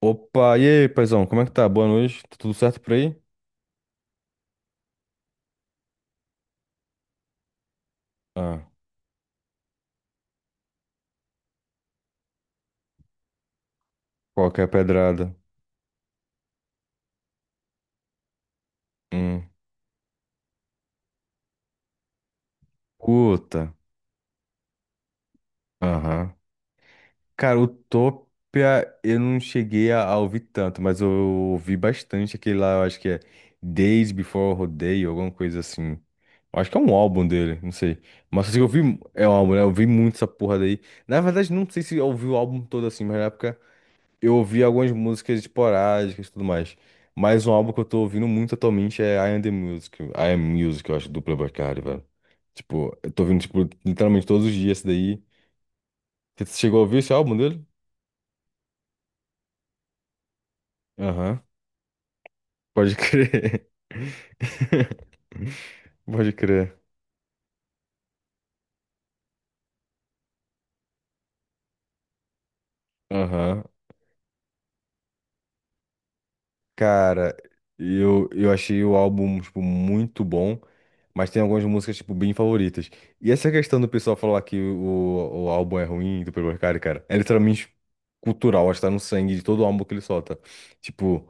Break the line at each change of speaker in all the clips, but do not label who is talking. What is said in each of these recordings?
Opa, e aí, paizão, como é que tá? Boa noite, tá tudo certo por aí? Ah, qualquer pedrada. Hum. Curta. Aham. Cara, Utopia eu não cheguei a ouvir tanto, mas eu ouvi bastante aquele lá, eu acho que é Days Before Rodeo, alguma coisa assim. Eu acho que é um álbum dele, não sei. Mas assim, eu ouvi, é um álbum, né? Eu ouvi muito essa porra daí. Na verdade, não sei se eu ouvi o álbum todo assim, mas na época. Eu ouvi algumas músicas esporádicas e tudo mais. Mas um álbum que eu tô ouvindo muito atualmente é I Am The Music. I Am Music, eu acho, do Playboi Carti, velho. Tipo, eu tô ouvindo, tipo, literalmente todos os dias esse daí. Você chegou a ouvir esse álbum dele? Aham. Pode crer. Pode crer. Aham. Cara, eu achei o álbum, tipo, muito bom, mas tem algumas músicas, tipo, bem favoritas. E essa questão do pessoal falar que o álbum é ruim do Pablo Vittar, cara, é literalmente cultural, acho que tá no sangue de todo álbum que ele solta. Tipo,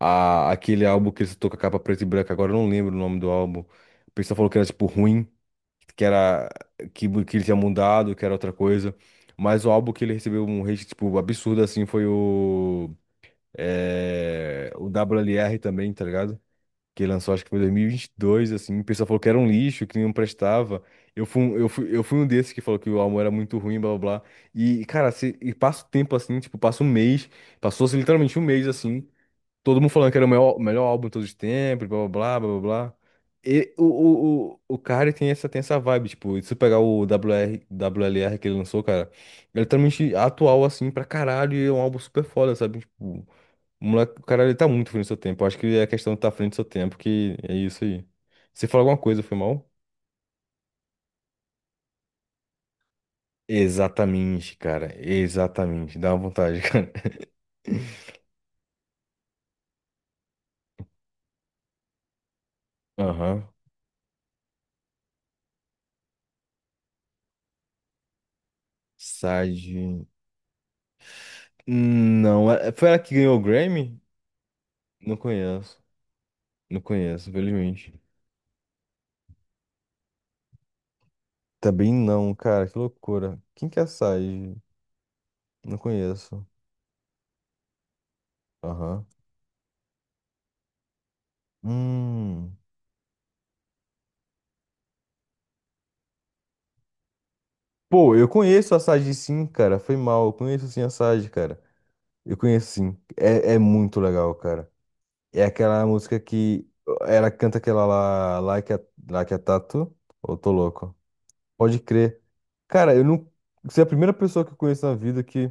aquele álbum que ele soltou com a capa preta e branca, agora eu não lembro o nome do álbum. O pessoal falou que era, tipo, ruim, que era, que ele tinha mudado, que era outra coisa. Mas o álbum que ele recebeu um hate, tipo, absurdo, assim, foi o W L R também, tá ligado? Que lançou, acho que foi em 2022, assim. O pessoal falou que era um lixo, que não prestava. Eu fui um desses que falou que o álbum era muito ruim, blá blá blá. E, cara, se, e passa o tempo assim, tipo, passa um mês, passou-se literalmente um mês assim, todo mundo falando que era o maior- melhor álbum de todos os tempos, blá blá blá blá blá. E o cara tem essa vibe, tipo, e se você pegar o W WR, R que ele lançou, cara, é literalmente atual assim pra caralho e é um álbum super foda, sabe? Tipo. O moleque, o cara, ele tá muito à frente do seu tempo. Eu acho que é a questão de estar tá à frente do seu tempo, que é isso aí. Você falou alguma coisa, foi mal? Exatamente, cara. Exatamente. Dá uma vontade, cara. Aham. Sage. Não, foi ela que ganhou o Grammy? Não conheço. Não conheço, infelizmente. Também não, cara. Que loucura. Quem que é a Sage? Não conheço. Aham. Hum. Pô, eu conheço a Sage sim, cara. Foi mal. Eu conheço sim a Sage, cara. Eu conheço sim. É muito legal, cara. É aquela música que ela canta aquela lá, Like a, Like a Tattoo, ou Tô Louco? Pode crer. Cara, eu não. Você é a primeira pessoa que eu conheço na vida que,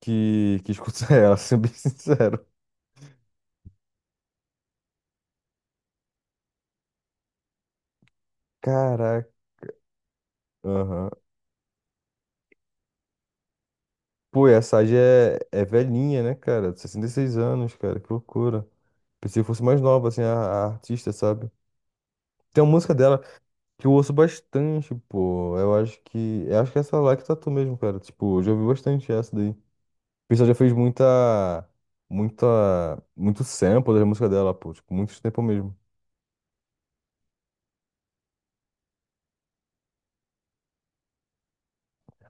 que escuta ela, sendo bem sincero. Caraca. Aham. Pô, e a Sage é velhinha, né, cara? 66 anos, cara, que loucura. Pensei que fosse mais nova, assim, a artista, sabe? Tem uma música dela que eu ouço bastante, pô. Eu acho que. Eu acho que é essa lá que tatu mesmo, cara. Tipo, eu já ouvi bastante essa daí. O pessoal já fez muita, muito sample da música dela, pô. Tipo, muito sample mesmo.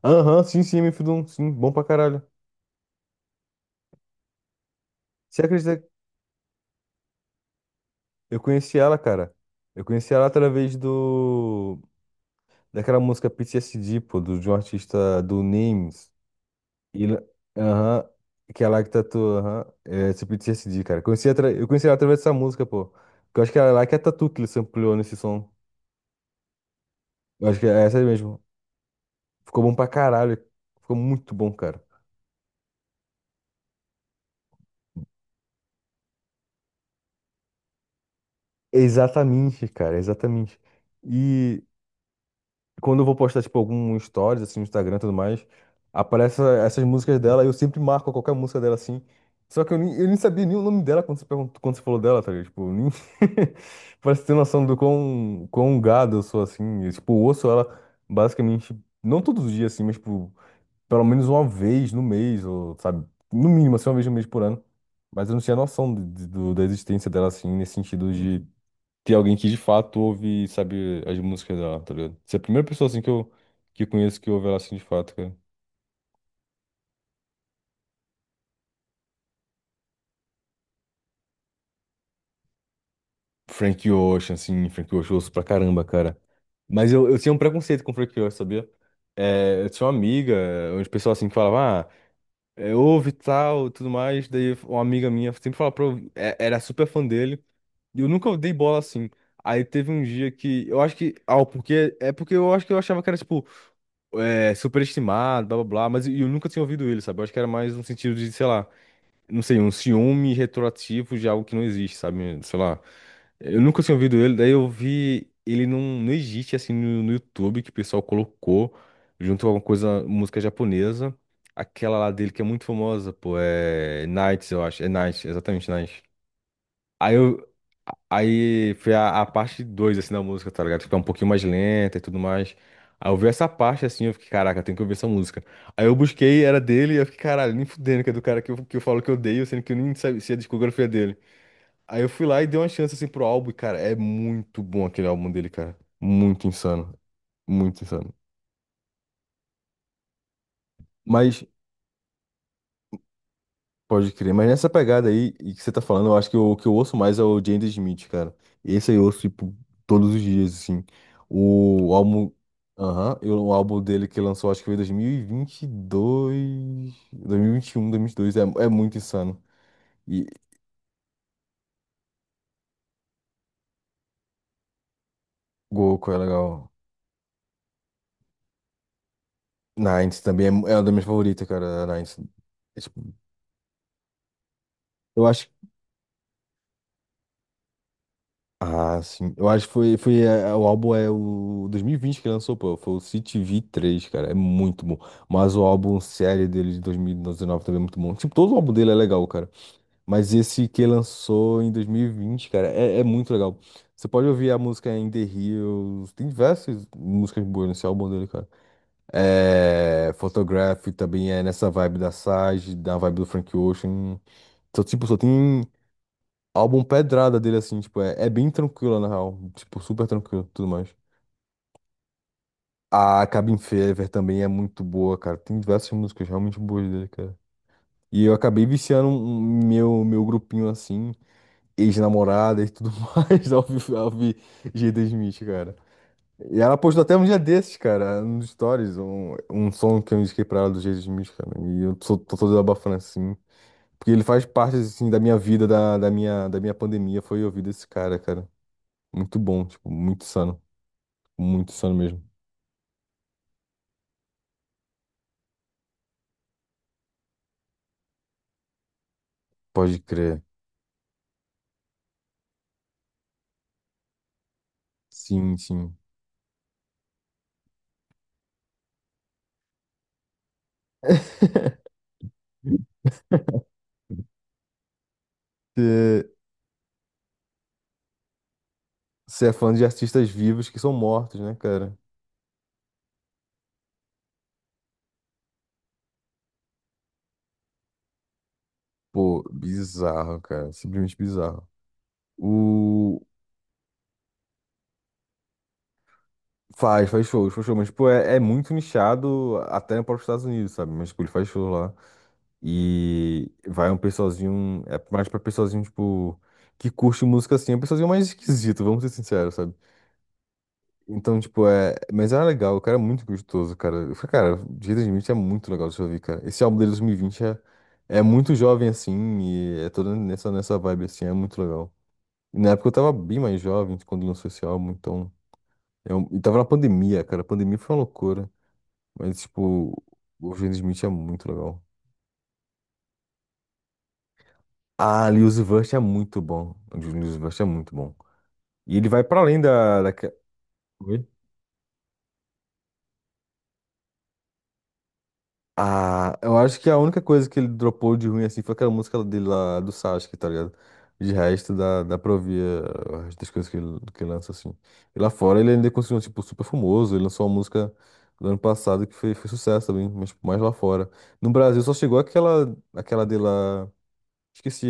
Aham, sim, sim, MF Doom, sim, bom pra caralho. Você acredita que eu conheci ela, cara. Eu conheci ela através do... Daquela música PTSD, pô, do, de um artista do Names. E ela- Aham, que é lá que tatuou, aham. É, esse PTSD, cara. Conheci atra... Eu conheci ela através dessa música, pô. Que eu acho que era lá que é a Tatu que ele sampleou nesse som. Eu acho que é essa aí mesmo. Ficou bom pra caralho. Ficou muito bom, cara. Exatamente, cara, exatamente. E quando eu vou postar, tipo, algum stories, assim, no Instagram e tudo mais, aparecem essas músicas dela, eu sempre marco qualquer música dela, assim. Só que eu nem sabia nem o nome dela quando você perguntou, quando você falou dela, tá ligado? Tipo, eu nem... Parece ter noção do quão gado eu sou, assim. Eu, tipo, ouço ela basicamente, não todos os dias, assim, mas, tipo, pelo menos uma vez no mês, ou, sabe? No mínimo, assim, uma vez no mês por ano. Mas eu não tinha noção da existência dela, assim, nesse sentido de ter alguém que de fato ouve e sabe as músicas dela, tá ligado? Você é a primeira pessoa assim que eu conheço que ouve ela assim de fato, cara. Frank Ocean, assim, Frank Ocean, eu ouço pra caramba, cara. Mas eu tinha um preconceito com Frank Ocean, sabia? É, eu tinha uma amiga, onde o pessoal assim que falava, ah, é, ouve e tal, tudo mais. Daí uma amiga minha sempre falava pra eu, ouvir, era super fã dele. E eu nunca dei bola assim. Aí teve um dia que eu acho que, ah, porque eu acho que eu achava que era tipo superestimado, blá blá blá, mas eu nunca tinha ouvido ele, sabe? Eu acho que era mais um sentido de, sei lá, não sei, um ciúme retroativo de algo que não existe, sabe? Sei lá. Eu nunca tinha ouvido ele, daí eu vi ele no Egito, assim, no YouTube, que o pessoal colocou, junto com alguma coisa, música japonesa. Aquela lá dele que é muito famosa, pô, é Nights, eu acho. É Nights, exatamente, Nights. Aí eu, Aí foi a parte 2 assim, da música, tá ligado? Tipo, é um pouquinho mais lenta e tudo mais. Aí eu vi essa parte, assim, eu fiquei, caraca, tem tenho que ouvir essa música. Aí eu busquei, era dele, e eu fiquei, caralho, nem fudendo, que é do cara que eu falo que eu odeio, sendo que eu nem sabia se a discografia dele. Aí eu fui lá e dei uma chance, assim, pro álbum, e, cara, é muito bom aquele álbum dele, cara. Muito insano, muito insano. Mas pode crer, mas nessa pegada aí e que você tá falando, eu acho que o que eu ouço mais é o James Smith, cara. Esse aí eu ouço, tipo, todos os dias, assim. O álbum. Aham, o álbum dele que lançou, acho que foi em 2022. 2021, 2022. É muito insano. E Goku é legal. Nines também é uma das minhas favoritas, cara. A Nines. É, tipo, eu acho. Ah, sim. Eu acho que o álbum é o 2020 que lançou, pô. Foi o CTV três, cara. É muito bom. Mas o álbum série dele de 2019 também é muito bom. Tipo, todo o álbum dele é legal, cara. Mas esse que lançou em 2020, cara, é muito legal. Você pode ouvir a música In The Hills. Tem diversas músicas boas nesse álbum dele, cara. É, Photograph também é nessa vibe da Sage, da vibe do Frank Ocean. Então, tipo, só tem. Álbum pedrada dele, assim, tipo, é bem tranquila, na real. Tipo, super tranquilo, tudo mais. A Cabin Fever também é muito boa, cara. Tem diversas músicas realmente boas dele, cara. E eu acabei viciando um meu grupinho, assim, ex-namorada e tudo mais, ao ouvir G.D. Smith, cara. E ela postou até um dia desses, cara, nos stories, um som que eu indiquei pra ela do G.D. Smith, cara. E eu tô todo abafando, assim. Porque ele faz parte, assim, da minha vida, da minha pandemia, foi ouvir esse cara, cara. Muito bom, tipo, muito sano. Muito sano mesmo. Pode crer. Sim, sim. Você é fã de artistas vivos que são mortos, né, cara? Pô, bizarro, cara. Simplesmente bizarro. O... Faz, faz shows, mas, tipo, é muito nichado até para os Estados Unidos, sabe? Mas, tipo, ele faz show lá. E vai um pessoalzinho, é mais pra pessoalzinho, tipo, que curte música assim, é um pessoalzinho mais esquisito, vamos ser sinceros, então, tipo, é. Mas era legal, o cara é muito gostoso, cara. Eu falei, cara, Jaden Smith é muito legal de ouvir, cara. Esse álbum dele de 2020 é muito jovem, assim, e é todo nessa vibe, assim, é muito legal. E na época eu tava bem mais jovem quando lançou esse álbum, então. Eu, e tava na pandemia, cara. A pandemia foi uma loucura. Mas, tipo, o Jaden Smith é muito legal. Ah, Lil Uzi Vert é muito bom. O Lil Uzi Vert é muito bom. E ele vai pra além da, da... Ah, eu acho que a única coisa que ele dropou de ruim assim foi aquela música dele lá do Sasuke, tá ligado? De resto, dá pra ouvir o resto das coisas que ele lança assim. E lá fora ele ainda continua, tipo, super famoso. Ele lançou uma música do ano passado que foi sucesso também, mas tipo, mais lá fora. No Brasil só chegou aquela dele lá. Esqueci,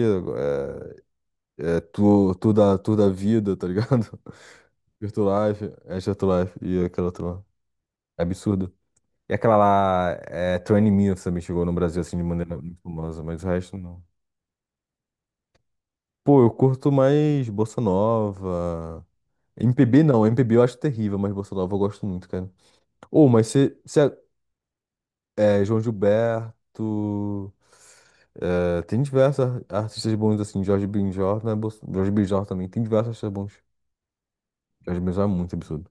é tu, tu da Vida, tá ligado? Virtual Life, é Virtual Life e aquela outra lá. É absurdo. E aquela lá, Twenty Mills também chegou no Brasil assim de maneira muito famosa, mas o resto não. Pô, eu curto mais Bossa Nova. MPB não, MPB eu acho terrível, mas Bossa Nova eu gosto muito, cara. Ô, mas você. João Gilberto. É, tem diversos artistas bons assim, Jorge Benjor, né? Jorge Benjor também, tem diversos artistas bons. Jorge Benjor é muito absurdo.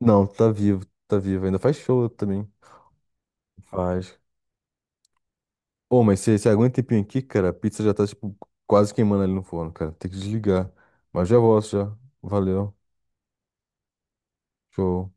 Não, tá vivo, ainda faz show também. Faz, Ô, mas se aguenta um tempinho aqui, cara, a pizza já tá, tipo, quase queimando ali no forno, cara. Tem que desligar. Mas já volto, já. Valeu. Show.